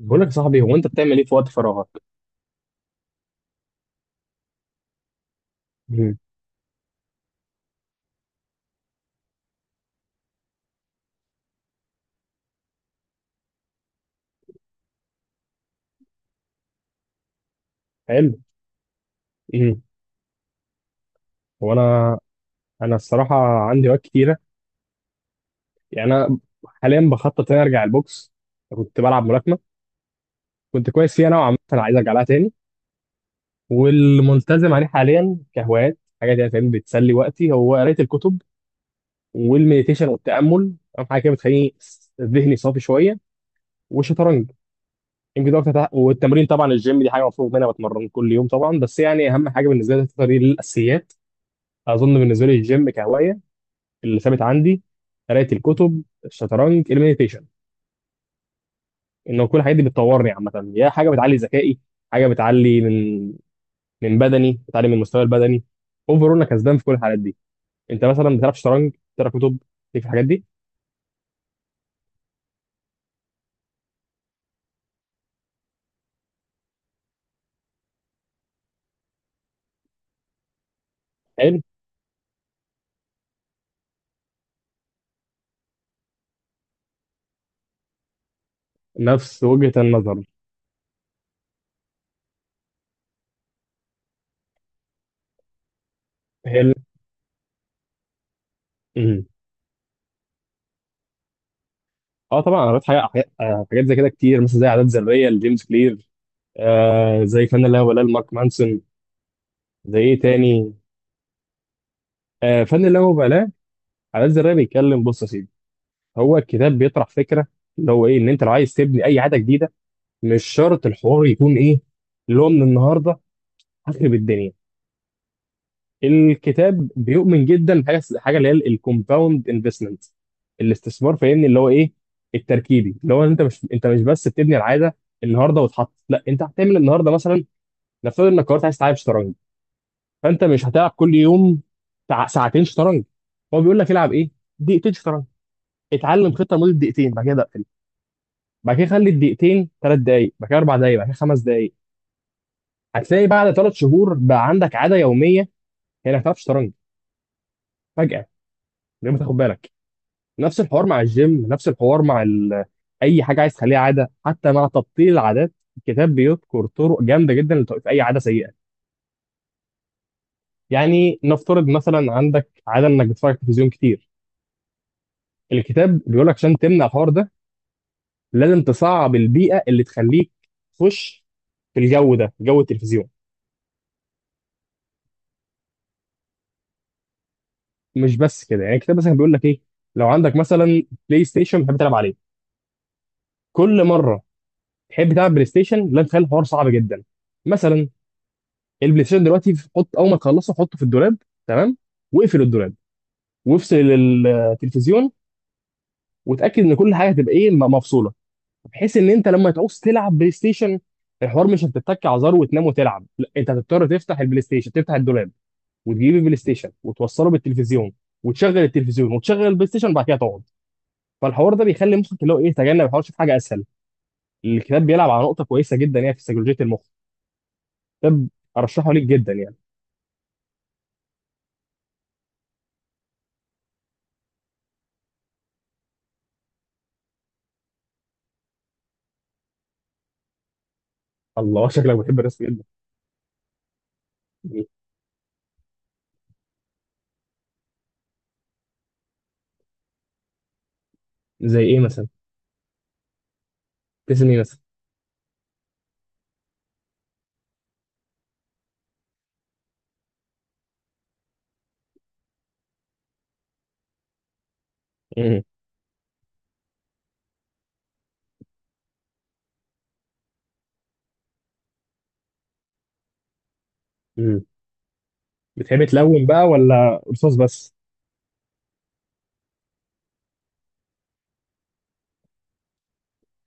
بقول لك يا صاحبي، هو انت بتعمل ايه في وقت فراغك؟ مم. حلو. امم هو انا الصراحه عندي وقت كتيره، يعني انا حاليا بخطط اني ارجع البوكس. كنت بلعب ملاكمه، كنت كويس فيها نوعا ما، انا عايز ارجع لها تاني. والملتزم عليه حاليا كهوايات، حاجه دي فاهم بتسلي وقتي، هو قرايه الكتب والمديتيشن والتامل. اهم حاجه كده بتخليني ذهني صافي شويه، والشطرنج. يمكن ده أكتر والتمرين طبعا، الجيم دي حاجه مفروض منها بتمرن كل يوم طبعا، بس يعني اهم حاجه بالنسبه لي الفترة دي الاساسيات. اظن بالنسبه لي الجيم كهوايه اللي ثابت عندي، قرايه الكتب، الشطرنج، المديتيشن، انه كل الحاجات دي بتطورني عامه، يا حاجه بتعلي ذكائي، حاجه بتعلي من بدني، بتعلي من المستوى البدني. اوفر انا كسبان في كل الحالات دي. انت مثلا بتلعب شطرنج، بتقرا كتب، ليك في الحاجات دي؟ حلو. نفس وجهه النظر. حلو. مم. اه طبعا، انا قريت حاجه حاجات آه، حاجات زي كده كتير، مثلا زي عادات ذريه لجيمس كلير، زي فن اللا مبالاه لمارك مانسون. زي ايه تاني؟ فن اللا مبالاه. عادات ذريه بيتكلم، بص يا سيدي، هو الكتاب بيطرح فكره اللي هو ايه، ان انت لو عايز تبني اي عاده جديده، مش شرط الحوار يكون ايه، اللي هو من النهارده هخرب الدنيا. الكتاب بيؤمن جدا بحاجه، اللي هي الكومباوند انفستمنت، الاستثمار، فاهمني اللي هو ايه، التركيبي. اللي هو انت مش، انت مش بس بتبني العاده النهارده وتحط، لا، انت هتعمل النهارده مثلا، نفترض انك قررت عايز تلعب شطرنج، فانت مش هتلعب كل يوم ساعتين شطرنج. هو بيقول لك العب ايه؟ دقيقتين شطرنج، اتعلم خطه لمده دقيقتين بعد كده اقفل. بعد كده خلي الدقيقتين 3 دقايق، بعد كده 4 دقايق، بعد كده 5 دقايق. هتلاقي بعد 3 شهور بقى عندك عاده يوميه، هي انك تلعب شطرنج فجاه من غير ما تاخد بالك. نفس الحوار مع الجيم، نفس الحوار مع اي حاجه عايز تخليها عاده. حتى مع تبطيل العادات، الكتاب بيذكر طرق جامده جدا لتوقيف اي عاده سيئه. يعني نفترض مثلا عندك عاده انك بتتفرج على التلفزيون كتير، الكتاب بيقول لك عشان تمنع الحوار ده، لازم تصعب البيئه اللي تخليك تخش في الجو ده، جو التلفزيون. مش بس كده، يعني الكتاب مثلا بيقول لك ايه، لو عندك مثلا بلاي ستيشن بتحب تلعب عليه، كل مره تحب تلعب بلاي ستيشن، لا، تخلي الحوار صعب جدا. مثلا البلاي ستيشن دلوقتي، حط، اول ما تخلصه حطه في الدولاب، تمام، واقفل الدولاب، وافصل التلفزيون، وتاكد ان كل حاجه هتبقى ايه، مفصوله. بحيث ان انت لما تعوز تلعب بلاي ستيشن، الحوار مش هتتك على زر وتنام وتلعب، لا، انت هتضطر تفتح البلاي ستيشن، تفتح الدولاب، وتجيب البلاي ستيشن، وتوصله بالتلفزيون، وتشغل التلفزيون، وتشغل البلاي ستيشن، وبعد كده تقعد. فالحوار ده بيخلي مخك اللي هو ايه، تجنب الحوار، شوف حاجه اسهل. الكتاب بيلعب على نقطه كويسه جدا يعني في سيكولوجيه المخ. كتاب ارشحه ليك جدا يعني. الله، شكلك بتحب الرسم جدا. زي ايه مثلا؟ تسم ايه مثلا؟ مم. مم. بتحب تلون بقى، ولا رصاص بس؟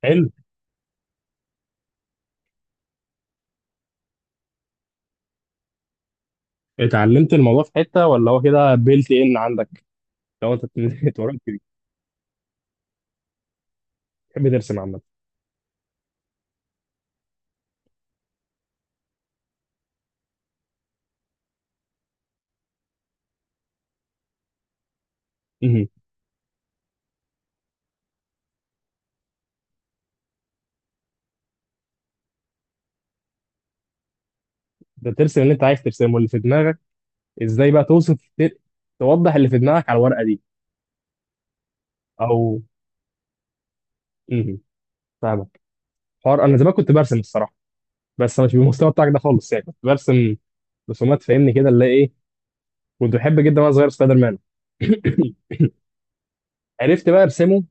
حلو. اتعلمت الموضوع في حته، ولا هو كده بيلت ان عندك؟ لو انت اتولدت كده؟ بتحب ترسم عامه. مم. ده ترسم اللي انت عايز ترسمه، اللي في دماغك، ازاي بقى توصف، توضح اللي في دماغك على الورقه دي؟ او مم. فاهمك. حوار انا زمان كنت برسم الصراحه، بس مش بالمستوى بتاعك ده خالص، يعني كنت برسم رسومات، فاهمني كده اللي هي ايه، كنت بحب جدا وانا صغير سبايدر مان. عرفت بقى ارسمه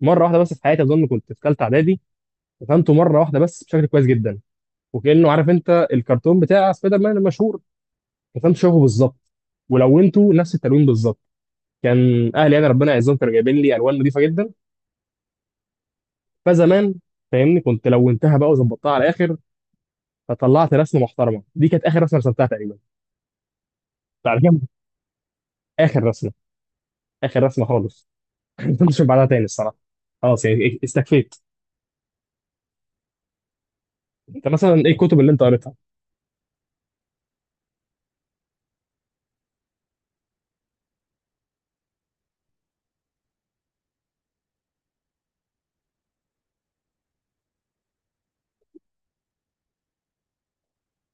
مره واحده بس في حياتي، اظن كنت في ثالثه اعدادي. رسمته مره واحده بس بشكل كويس جدا، وكانه، عارف انت الكرتون بتاع سبايدر مان المشهور، رسمته شبهه بالظبط، ولونته نفس التلوين بالظبط. كان اهلي، انا ربنا يعزهم، كانوا جايبين لي الوان نظيفه جدا، فزمان، فاهمني، كنت لونتها بقى وظبطتها على الاخر، فطلعت رسمه محترمه. دي كانت اخر رسمه رسمتها تقريبا. بعد كده، اخر رسمه، اخر رسمه خالص، ما كنتش بعدها تاني الصراحه. خلاص يعني استكفيت. انت مثلا ايه الكتب اللي انت قريتها؟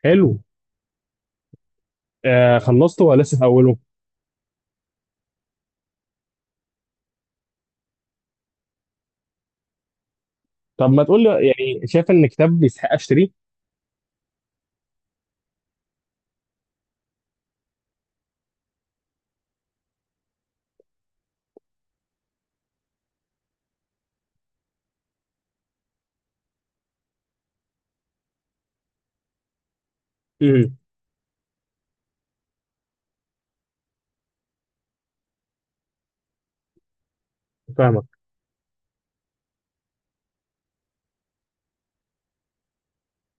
حلو. آه، خلصته ولا لسه في اوله؟ طب ما تقول لي يعني، شايف ان كتاب يستحق اشتريه؟ امم فاهمك.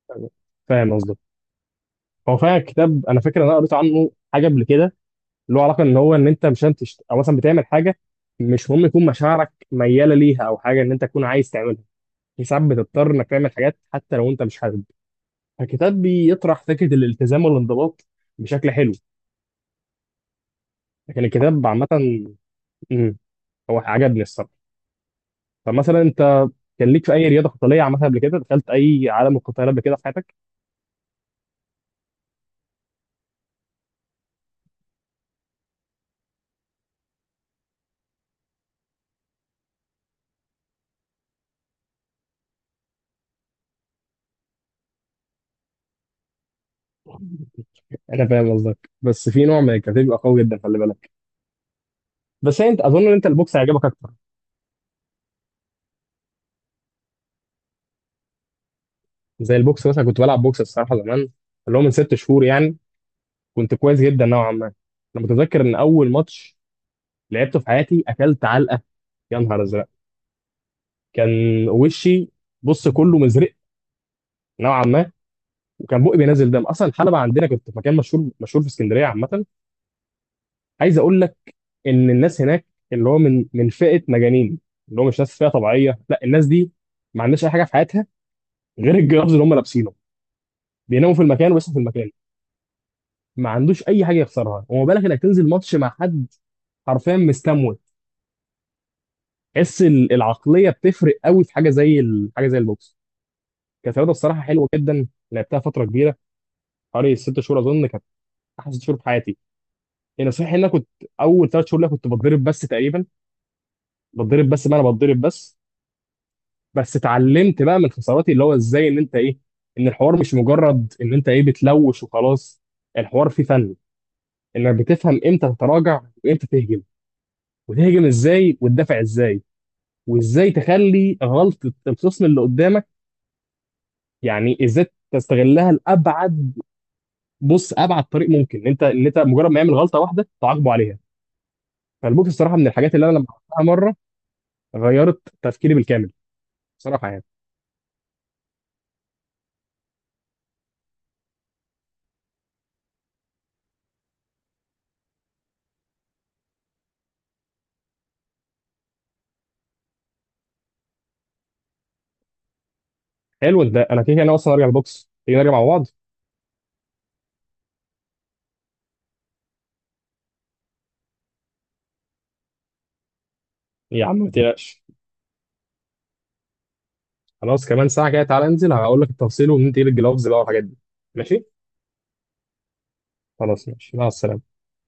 فاهمك. فاهم قصدك. هو فعلا كتاب انا فاكر ان انا قريت عنه حاجه قبل كده، اللي هو علاقه ان هو، ان انت مش او مثلا بتعمل حاجه، مش مهم يكون مشاعرك مياله ليها، او حاجه ان انت تكون عايز تعملها. في ساعات بتضطر انك تعمل حاجات حتى لو انت مش حابب، فالكتاب بيطرح فكره الالتزام والانضباط بشكل حلو، لكن الكتاب عامه هو عجبني الصراحه. طب مثلا انت كان ليك في اي رياضه قتاليه عملتها قبل كده؟ دخلت اي عالم القتال قبل كده في حياتك؟ انا فاهم قصدك، بس في نوع من الكاراتيه بيبقى قوي جدا، خلي بالك، بس هي انت اظن ان انت البوكس هيعجبك اكتر. زي البوكس مثلا، كنت بلعب بوكس الصراحه زمان، اللي هو من 6 شهور يعني. كنت كويس جدا نوعا ما. انا متذكر ان اول ماتش لعبته في حياتي اكلت علقه، يا نهار ازرق! كان وشي، بص، كله مزرق نوعا ما، وكان بقي بينزل دم اصلا. الحلبه عندنا، كنت في مكان مشهور مشهور في اسكندريه عامه، عايز اقول لك ان الناس هناك اللي هو من فئه مجانين، اللي هو مش ناس فئه طبيعيه، لا، الناس دي ما عندهاش اي حاجه في حياتها غير الجرافز اللي هم لابسينه، بيناموا في المكان ويصحوا في المكان. ما عندوش اي حاجه يخسرها، وما بالك انك تنزل ماتش مع حد حرفيا مستموت؟ تحس العقليه بتفرق قوي في حاجه زي حاجه زي البوكس. كانت رياضه بصراحه حلوه جدا، لعبتها فتره كبيره، حوالي 6 شهور اظن كانت، احسن 6 شهور في حياتي. يعني صحيح ان انا كنت اول 3 شهور ليا كنت بتضرب بس تقريبا، بتضرب بس، ما انا بتضرب بس، بس اتعلمت بقى من خساراتي اللي هو ازاي ان انت ايه، ان الحوار مش مجرد ان انت ايه بتلوش وخلاص، الحوار فيه فن، انك بتفهم امتى تتراجع وامتى تهجم، وتهجم ازاي وتدافع ازاي، وازاي تخلي غلطة الخصم اللي قدامك، يعني ازاي تستغلها لابعد، بص، ابعد طريق ممكن، إن انت، ان انت مجرد ما يعمل غلطة واحدة تعاقبه عليها. فالبوكس الصراحة من الحاجات اللي انا لما عملتها مرة غيرت تفكيري بالكامل، بصراحة يعني. حلو، ده انا كده كده انا اصلا ارجع البوكس، تيجي نرجع مع بعض. يا عم ما تقلقش. خلاص، كمان ساعة كده تعالى انزل هقول لك التفصيل، وبننتقل الجلوفز بقى والحاجات دي. ماشي. خلاص، ماشي، مع السلامة.